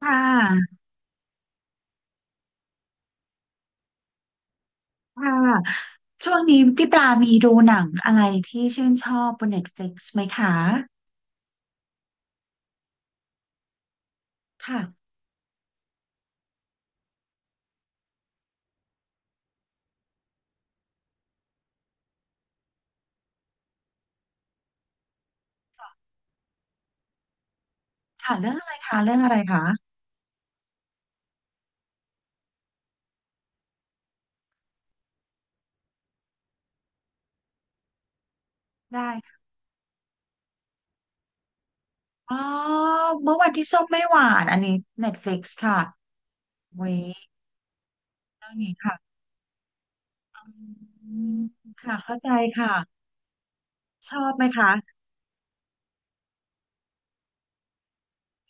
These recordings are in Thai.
ค่ะค่ะช่วงนี้พี่ปลามีดูหนังอะไรที่ชื่นชอบบน Netflix ไหมคะค่ะค่ะเรื่องอะไรคะเรื่องอะไรคะได้ค่ะอ๋อเมื่อวันที่ส้มไม่หวานอันนี้ Netflix ค่ะเว้ยเรื่องนี้ค่ะอืมค่ะเข้าใจค่ะชอบไหมคะ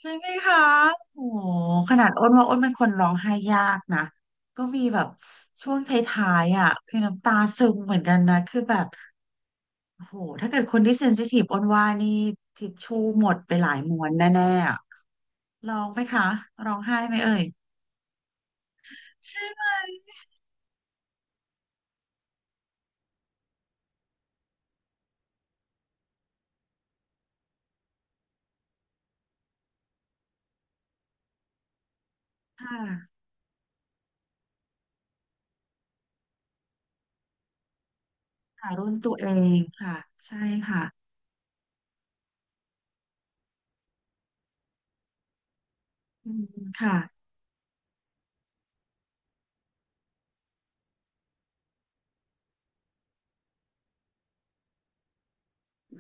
ใช่ไหมคะโอ้โหขนาดอ้นว่าอ้นเป็นคนร้องไห้ยากนะก็มีแบบช่วงท้ายๆอ่ะคือน้ำตาซึมเหมือนกันนะคือแบบ โอ้โห ถ้าเกิดคนที่เซนซิทีฟอ้นว่านี่ทิชชู่หมดไปหลายม้วนแน่ๆอะร้องไหมคะร้องไห้ไหมเอ่ยใช่ไหมค่ะคาะรุ่นตัวเองค่ะใช่ค่ะอืมค่ะ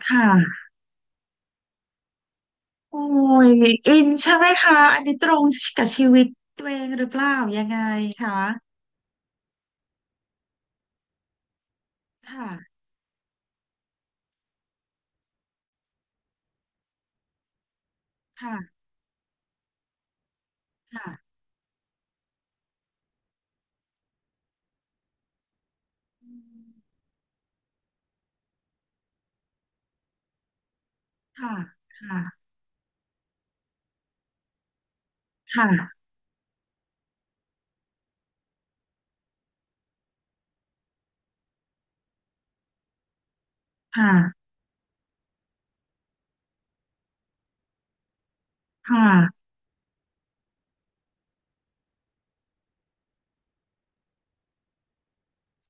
ค่ะโอ้ยอินใช่ไหมคะอันนี้ตรงกับชีวิตตัวเองหรือเปล่ายังไงคะค่ะค่ะค่ะอืมค่ะค่ะค่ะค่ะค่ะ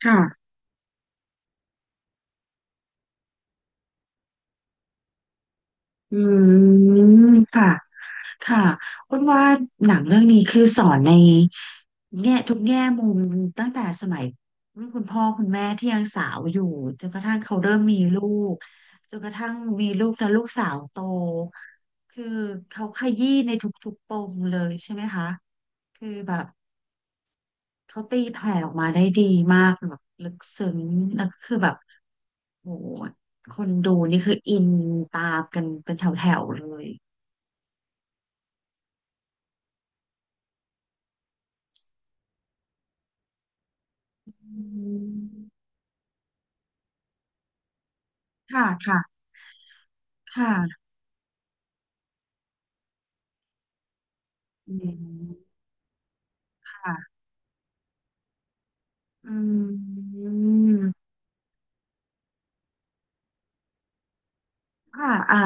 ค่ะอืมค่ะ ค่ะอ้นว่าหนังเรื่องนี้คือสอนในแง่ทุกแง่มุมตั้งแต่สมัยรุ่นคุณพ่อคุณแม่ที่ยังสาวอยู่จนกระทั่งเขาเริ่มมีลูกจนกระทั่งมีลูกแล้วลูกสาวโตคือเขาขยี้ในทุกๆปมเลยใช่ไหมคะคือแบบเขาตีแผ่ออกมาได้ดีมากแบบลึกซึ้งแล้วก็คือแบบโหคนดูนี่คืออินตามกันเป็นแถวๆเลยอืมค่ะค่ะค่ะ อืมค่ะอืมค่ะ อ่า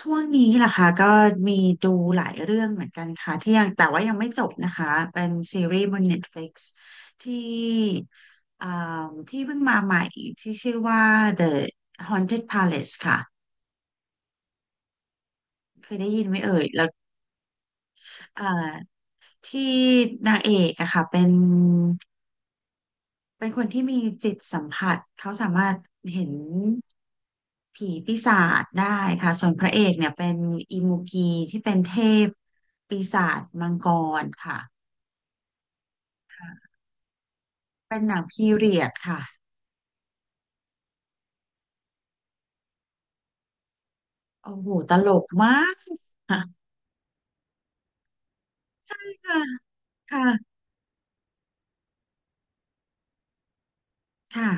ช่วงนี้ล่ะค่ะก็มีดูหลายเรื่องเหมือนกันค่ะที่ยังแต่ว่ายังไม่จบนะคะ เป็นซีรีส์บน Netflix ที่อ่าที่เพิ่งมาใหม่ที่ชื่อว่า The Haunted Palace ค่ะเคยได้ยินไหมเอ่ยแล้วอ่าที่นางเอกอะค่ะเป็นคนที่มีจิตสัมผัสเขาสามารถเห็นผีปีศาจได้ค่ะส่วนพระเอกเนี่ยเป็นอิมูกีที่เป็นเทพปีศาจมังกรค่ะค่ะเป็นหนังพีเรียดค่ะโอ้โหตลกมากค่ะค่ะค่ะ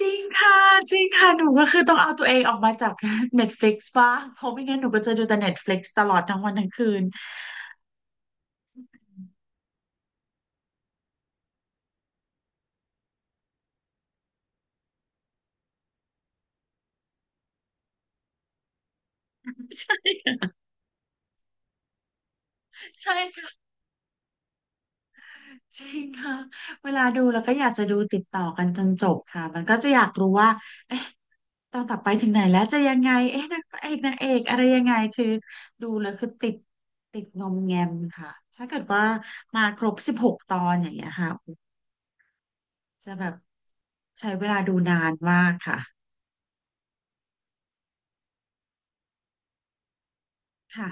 จริงค่ะจริงค่ะหนูก็คือต้องเอาตัวเองออกมาจาก Netflix บ้างเพราะไม่งั้นหนูก็จะดูแต่ Netflix ตลอดทั้งวันทั้งคืนใช่ จริงค่ะเวลาดูแล้วก็อยากจะดูติดต่อกันจนจบค่ะมันก็จะอยากรู้ว่าเอ๊ะตอนต่อไปถึงไหนแล้วจะยังไงเอ๊ะนางเอกนางเอกอะไรยังไงคือดูแล้วคือติดงอมแงมค่ะถ้าเกิดว่ามาครบ16ตอนอย่างเงี้ยค่ะจะแบบใช้เวลาดูนานมากค่ะค่ะ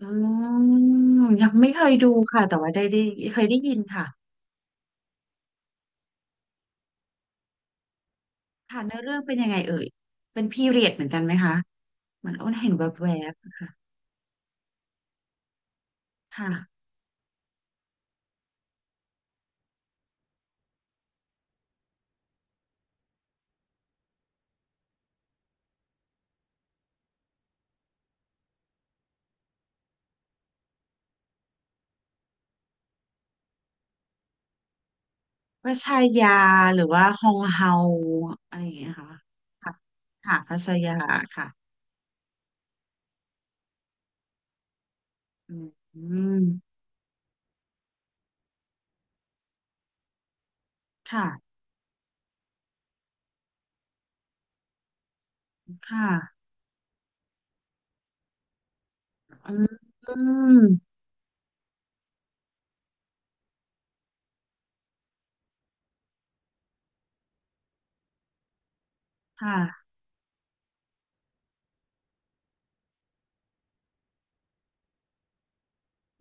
อืมยังไม่เคยดูค่ะแต่ว่าได้เคยได้ยินค่ะค่ะเนื้อเรื่องเป็นยังไงเอ่ยเป็นพีเรียดเหมือนกันไหมคะเหมือนอ้นเห็นแวบๆค่ะค่ะ วาชายาหรือว่าฮองเฮาอะไรอย่างเงี้ยค่ะค่ะค่ะพัชายาค่ะอืมค่ะค่ะอืมค่ะ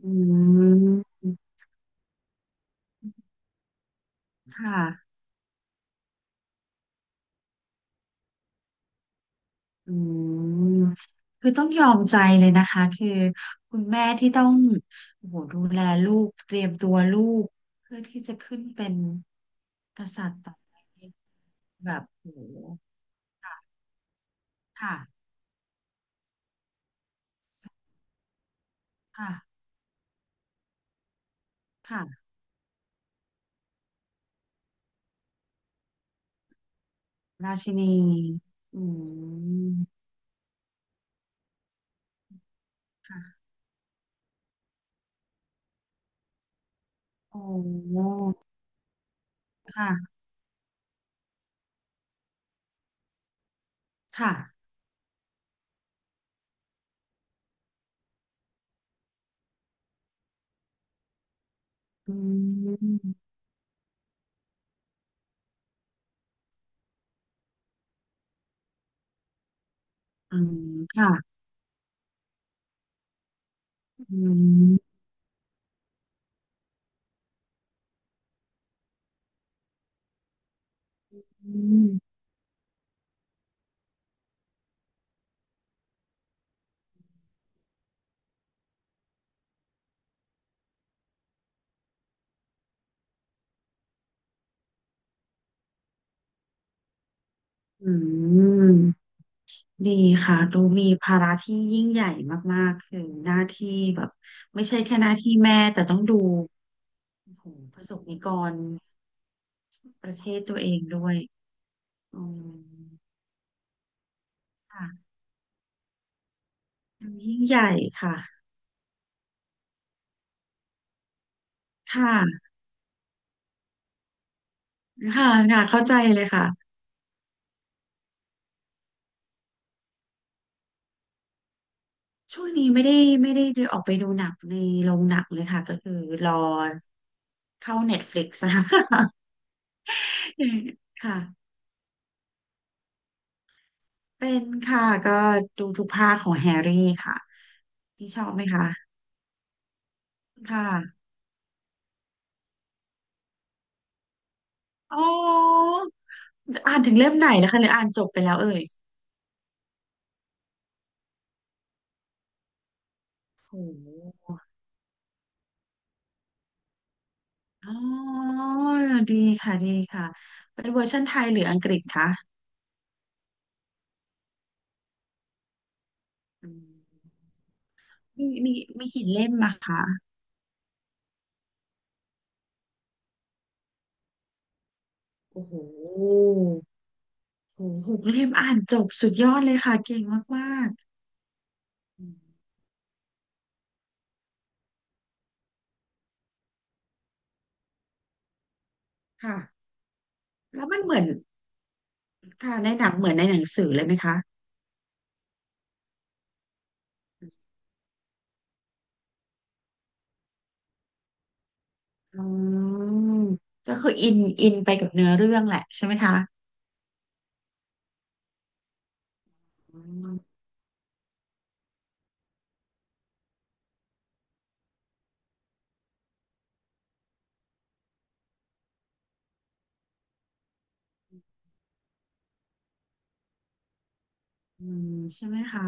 อืมค่ะอืมคือต้องยอมใจเลยนะคะคือคุณแม่ที่ต้องโอ้โหดูแลลูกเตรียมตัวลูกเพื่อที่จะขึ้นเป็นกษัตริย์ต่อไปแบบโอ้โหค่ะค่ะค่ะ ราชินีอืมค่ะโอ้ ค่ะ ค่ะอืมอืมค่ะอืมอืมดีค่ะ ดูมีภาระที่ยิ่งใหญ่มากๆ คือหน้าที่แบบไม่ใช่แค่หน้าที่แม่แต่ต้องดูโอ้โหประสบนิกรประเทศตัวเองด้วยอืมค่ะดูยิ่งใหญ่ค่ะค่ะค่ะค่ะเข้าใจเลยค่ะ ช่วงนี้ไม่ได้ออกไปดูหนังในโรงหนังเลยค่ะก็คือรอเข้า Netflix นะคะ ค่ะเป็นค่ะก็ดูทุกภาคของแฮร์รี่ค่ะที่ชอบไหมคะค่ะอ๋ออ่านถึงเล่มไหนแล้วคะหรืออ่านจบไปแล้วเอ่ยโอ้โหอ๋อดีค่ะดีค่ะเป็นเวอร์ชันไทยหรืออังกฤษคะอืมมีมีมีกี่เล่มอะคะโอ้โห โอ้โหหกเล่มอ่านจบสุดยอดเลยค่ะเก่งมากอืมๆค่ะแล้วมันเหมือนค่ะในหนังเหมือนในหนังสือเลยไหมคะอืมก็คืออินอินไปกับเนื้อเรื่องแหละใช่ไหมคะอืมอืมใช่ไหมคะ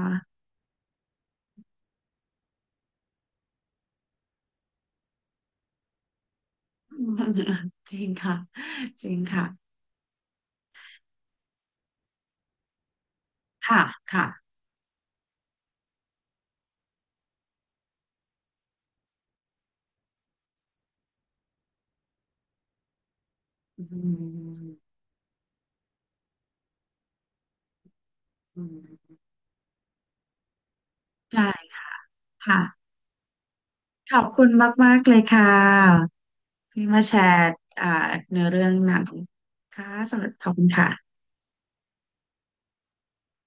อืม จริงค่ะจริงค่ะค่ะค่ะอืมอืมได้ค่ะขอบคุณมากๆเลยค่ะที่มาแชร์อ่าเนื้อเรื่องหนังค่ะสวัสดีขอบคุณค่ะ